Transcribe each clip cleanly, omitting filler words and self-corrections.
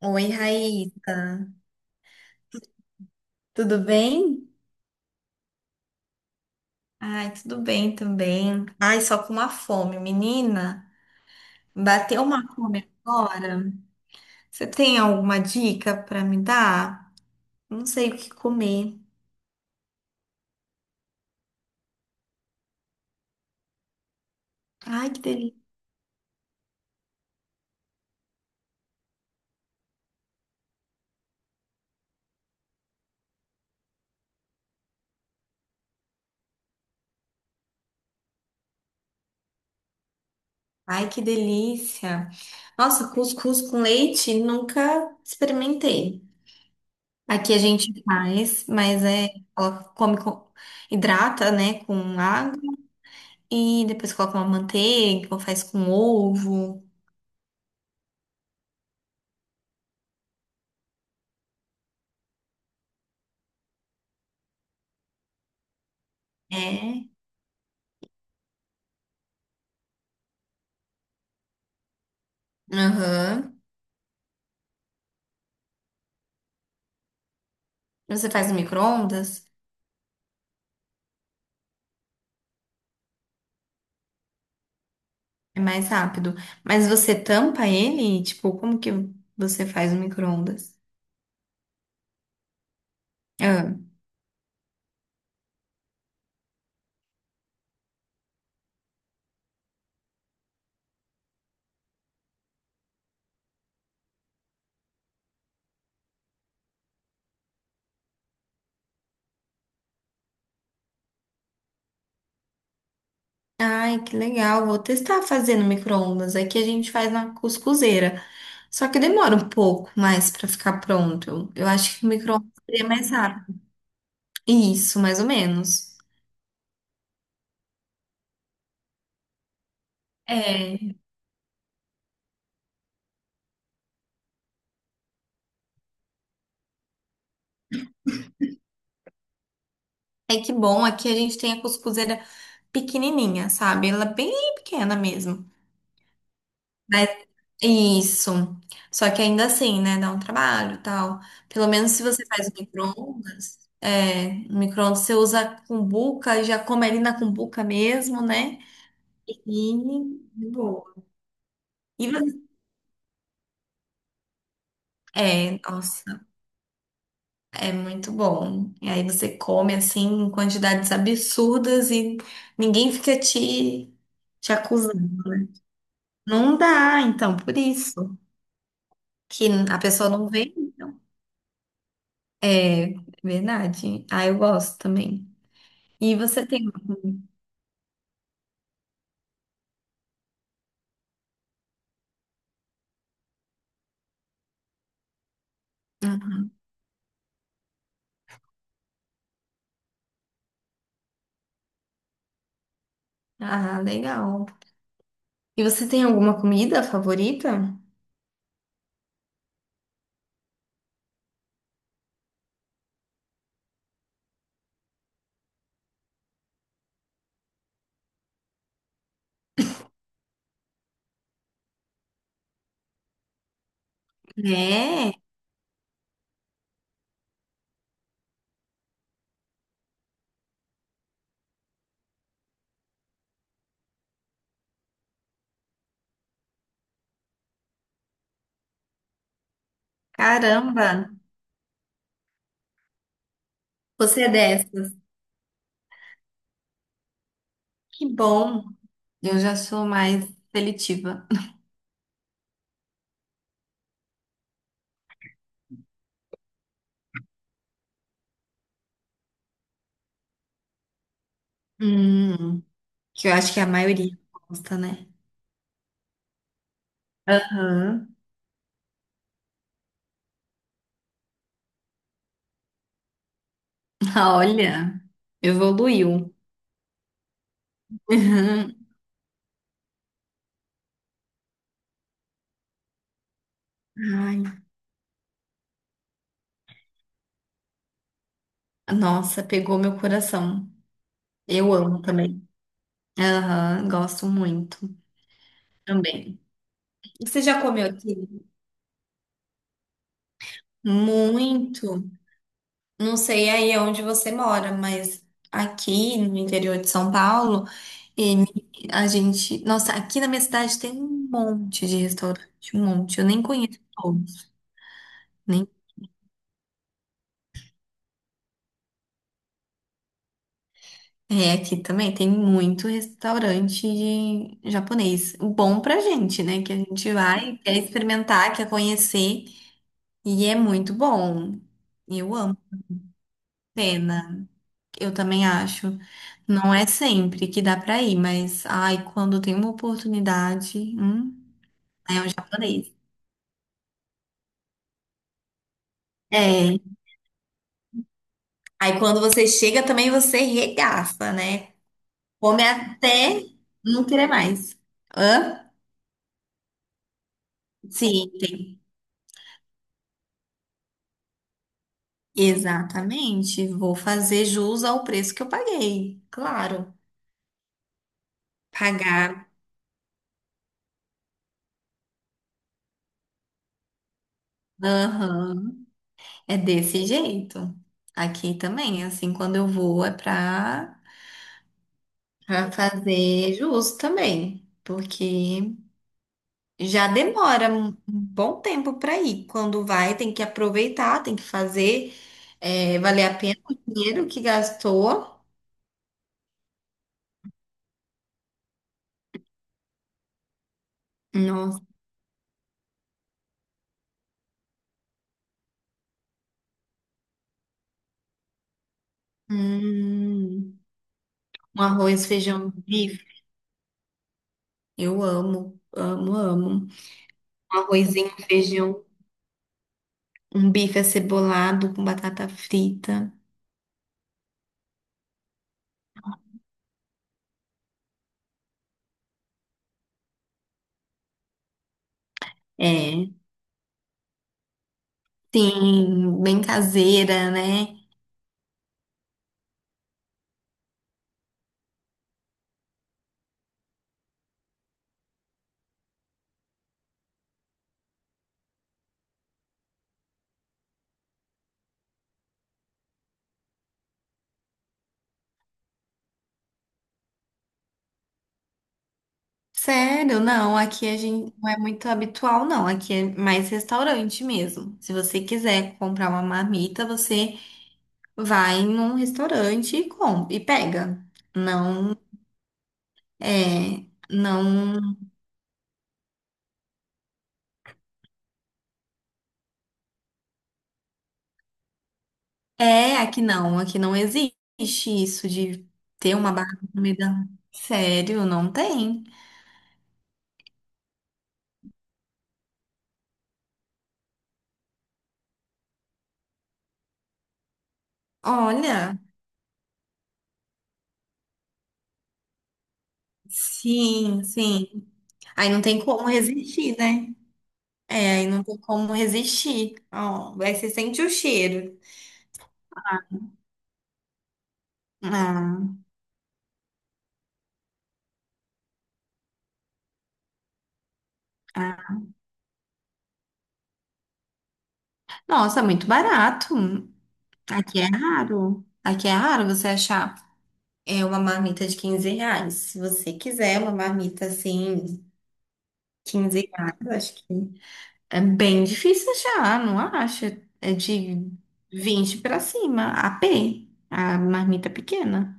Oi, Raíssa. Tudo bem? Ai, tudo bem também. Ai, só com uma fome, menina. Bateu uma fome agora. Você tem alguma dica para me dar? Não sei o que comer. Ai, que delícia. Ai, que delícia. Nossa, cuscuz com leite, nunca experimentei. Aqui a gente faz, mas é, ela come com, hidrata, né, com água e depois coloca uma manteiga, ou faz com ovo. É. Aham. Você faz no micro-ondas? É mais rápido. Mas você tampa ele? Tipo, como que você faz no micro-ondas? Ah. Ai, que legal. Vou testar fazendo micro-ondas. Aqui a gente faz na cuscuzeira. Só que demora um pouco mais pra ficar pronto. Eu acho que o micro-ondas seria mais rápido. Isso, mais ou menos. É. É que bom, aqui a gente tem a cuscuzeira pequenininha, sabe? Ela é bem pequena mesmo. Mas isso. Só que ainda assim, né? Dá um trabalho, e tal. Pelo menos se você faz o micro-ondas, é, o micro-ondas você usa a cumbuca, já come ali na cumbuca mesmo, né? E de boa. E você- é, nossa, é muito bom. E aí você come assim em quantidades absurdas e ninguém fica te acusando. Não dá, então, por isso que a pessoa não vem. Então. É verdade. Ah, eu gosto também. E você tem. Ah, legal. E você tem alguma comida favorita? É, caramba. Você é dessas. Que bom. Eu já sou mais seletiva. Hum, que eu acho que a maioria gosta, né? Aham. Olha, evoluiu. Uhum. Ai, nossa, pegou meu coração. Eu amo também. Aham, gosto muito também. Você já comeu aqui? Muito. Não sei aí onde você mora, mas aqui no interior de São Paulo, ele- a gente. Nossa, aqui na minha cidade tem um monte de restaurante, um monte. Eu nem conheço todos, nem. É, aqui também tem muito restaurante de japonês. Bom pra gente, né? Que a gente vai, quer experimentar, quer conhecer. E é muito bom. Eu amo. Pena. Eu também acho. Não é sempre que dá pra ir, mas ai, quando tem uma oportunidade, né, é um japonês. É. Aí quando você chega também você regaça, né? Come até não querer mais. Hã? Sim, tem. Exatamente. Vou fazer jus ao preço que eu paguei. Claro. Pagar. Aham. É desse jeito. Aqui também, assim, quando eu vou é pra fazer justo também, porque já demora um bom tempo para ir. Quando vai, tem que aproveitar, tem que fazer valer a pena o dinheiro que gastou. Nossa, hum, um arroz, feijão, bife. Eu amo, amo, amo. Um arrozinho, feijão, um bife acebolado com batata frita. É, sim, bem caseira, né? Sério? Não, aqui a gente não é muito habitual, não. Aqui é mais restaurante mesmo. Se você quiser comprar uma marmita, você vai num restaurante e compra e pega. Não não é aqui não existe isso de ter uma barra de comida. Sério, não tem. Olha, sim, sim. Aí não tem como resistir, né? É, aí não tem como resistir. Ó, aí você sente o cheiro. Ah. Ah, nossa, muito barato. Aqui é raro. Aqui é raro você achar é uma marmita de 15 reais. Se você quiser uma marmita assim, 15 reais, acho que é bem difícil achar, não acha? É de 20 para cima, a pé, a marmita pequena.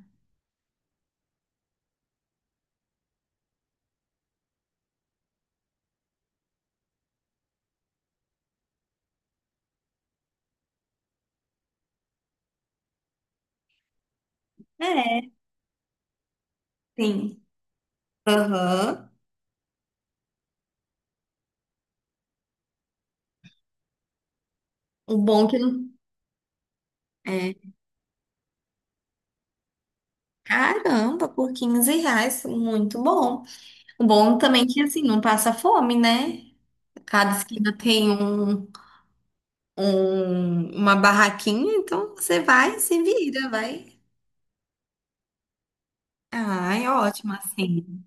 É, sim. Aham. O bom é que não. É, caramba, por 15 reais, muito bom. O bom também é que assim, não passa fome, né? Cada esquina tem uma barraquinha, então você vai, se vira, vai. Ah, é ótimo assim.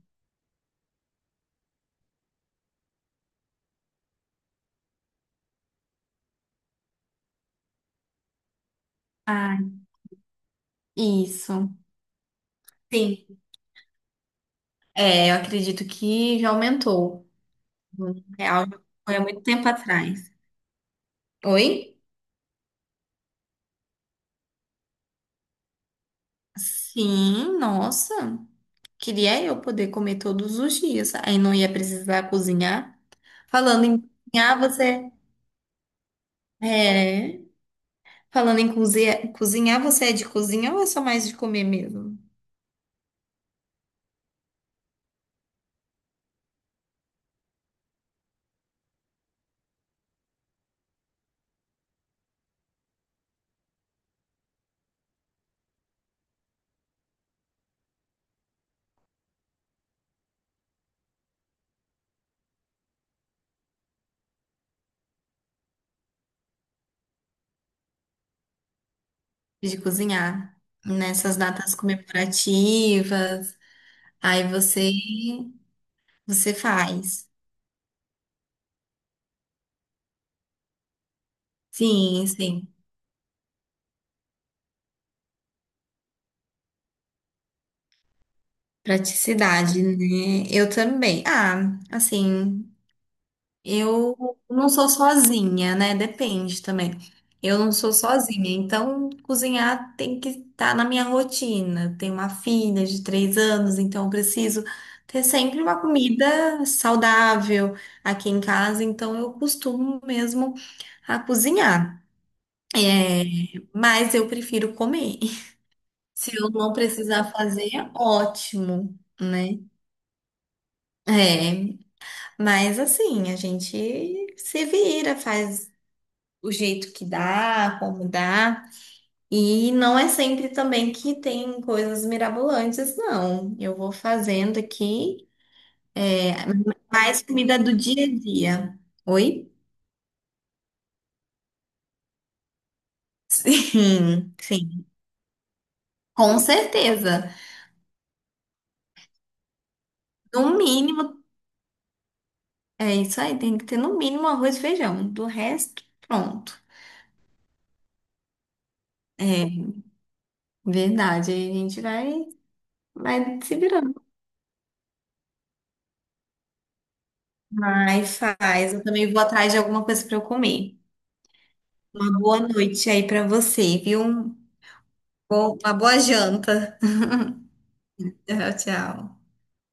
Ah, isso. Sim. É, eu acredito que já aumentou. 1 real já foi há muito tempo atrás. Oi? Sim, nossa. Queria eu poder comer todos os dias. Aí não ia precisar cozinhar. Falando em cozinhar, você. É. Falando em cozinhar, cozinhar, você é de cozinha ou é só mais de comer mesmo? De cozinhar nessas datas comemorativas. Aí você faz. Sim, sim. Praticidade, né? Eu também. Ah, assim, eu não sou sozinha, né? Depende também. Eu não sou sozinha, então cozinhar tem que estar na minha rotina. Tenho uma filha de 3 anos, então eu preciso ter sempre uma comida saudável aqui em casa, então eu costumo mesmo a cozinhar. É, mas eu prefiro comer. Se eu não precisar fazer, ótimo, né? É, mas assim, a gente se vira, faz o jeito que dá, como dá. E não é sempre também que tem coisas mirabolantes, não. Eu vou fazendo aqui mais comida do dia a dia. Oi? Sim, sim. Com certeza. No mínimo, é isso aí, tem que ter no mínimo arroz e feijão. Do resto, pronto. É verdade, aí a gente vai, vai se virando. Vai, faz. Eu também vou atrás de alguma coisa para eu comer. Uma boa noite aí para você, viu? Bom, uma boa janta. Tchau, tchau.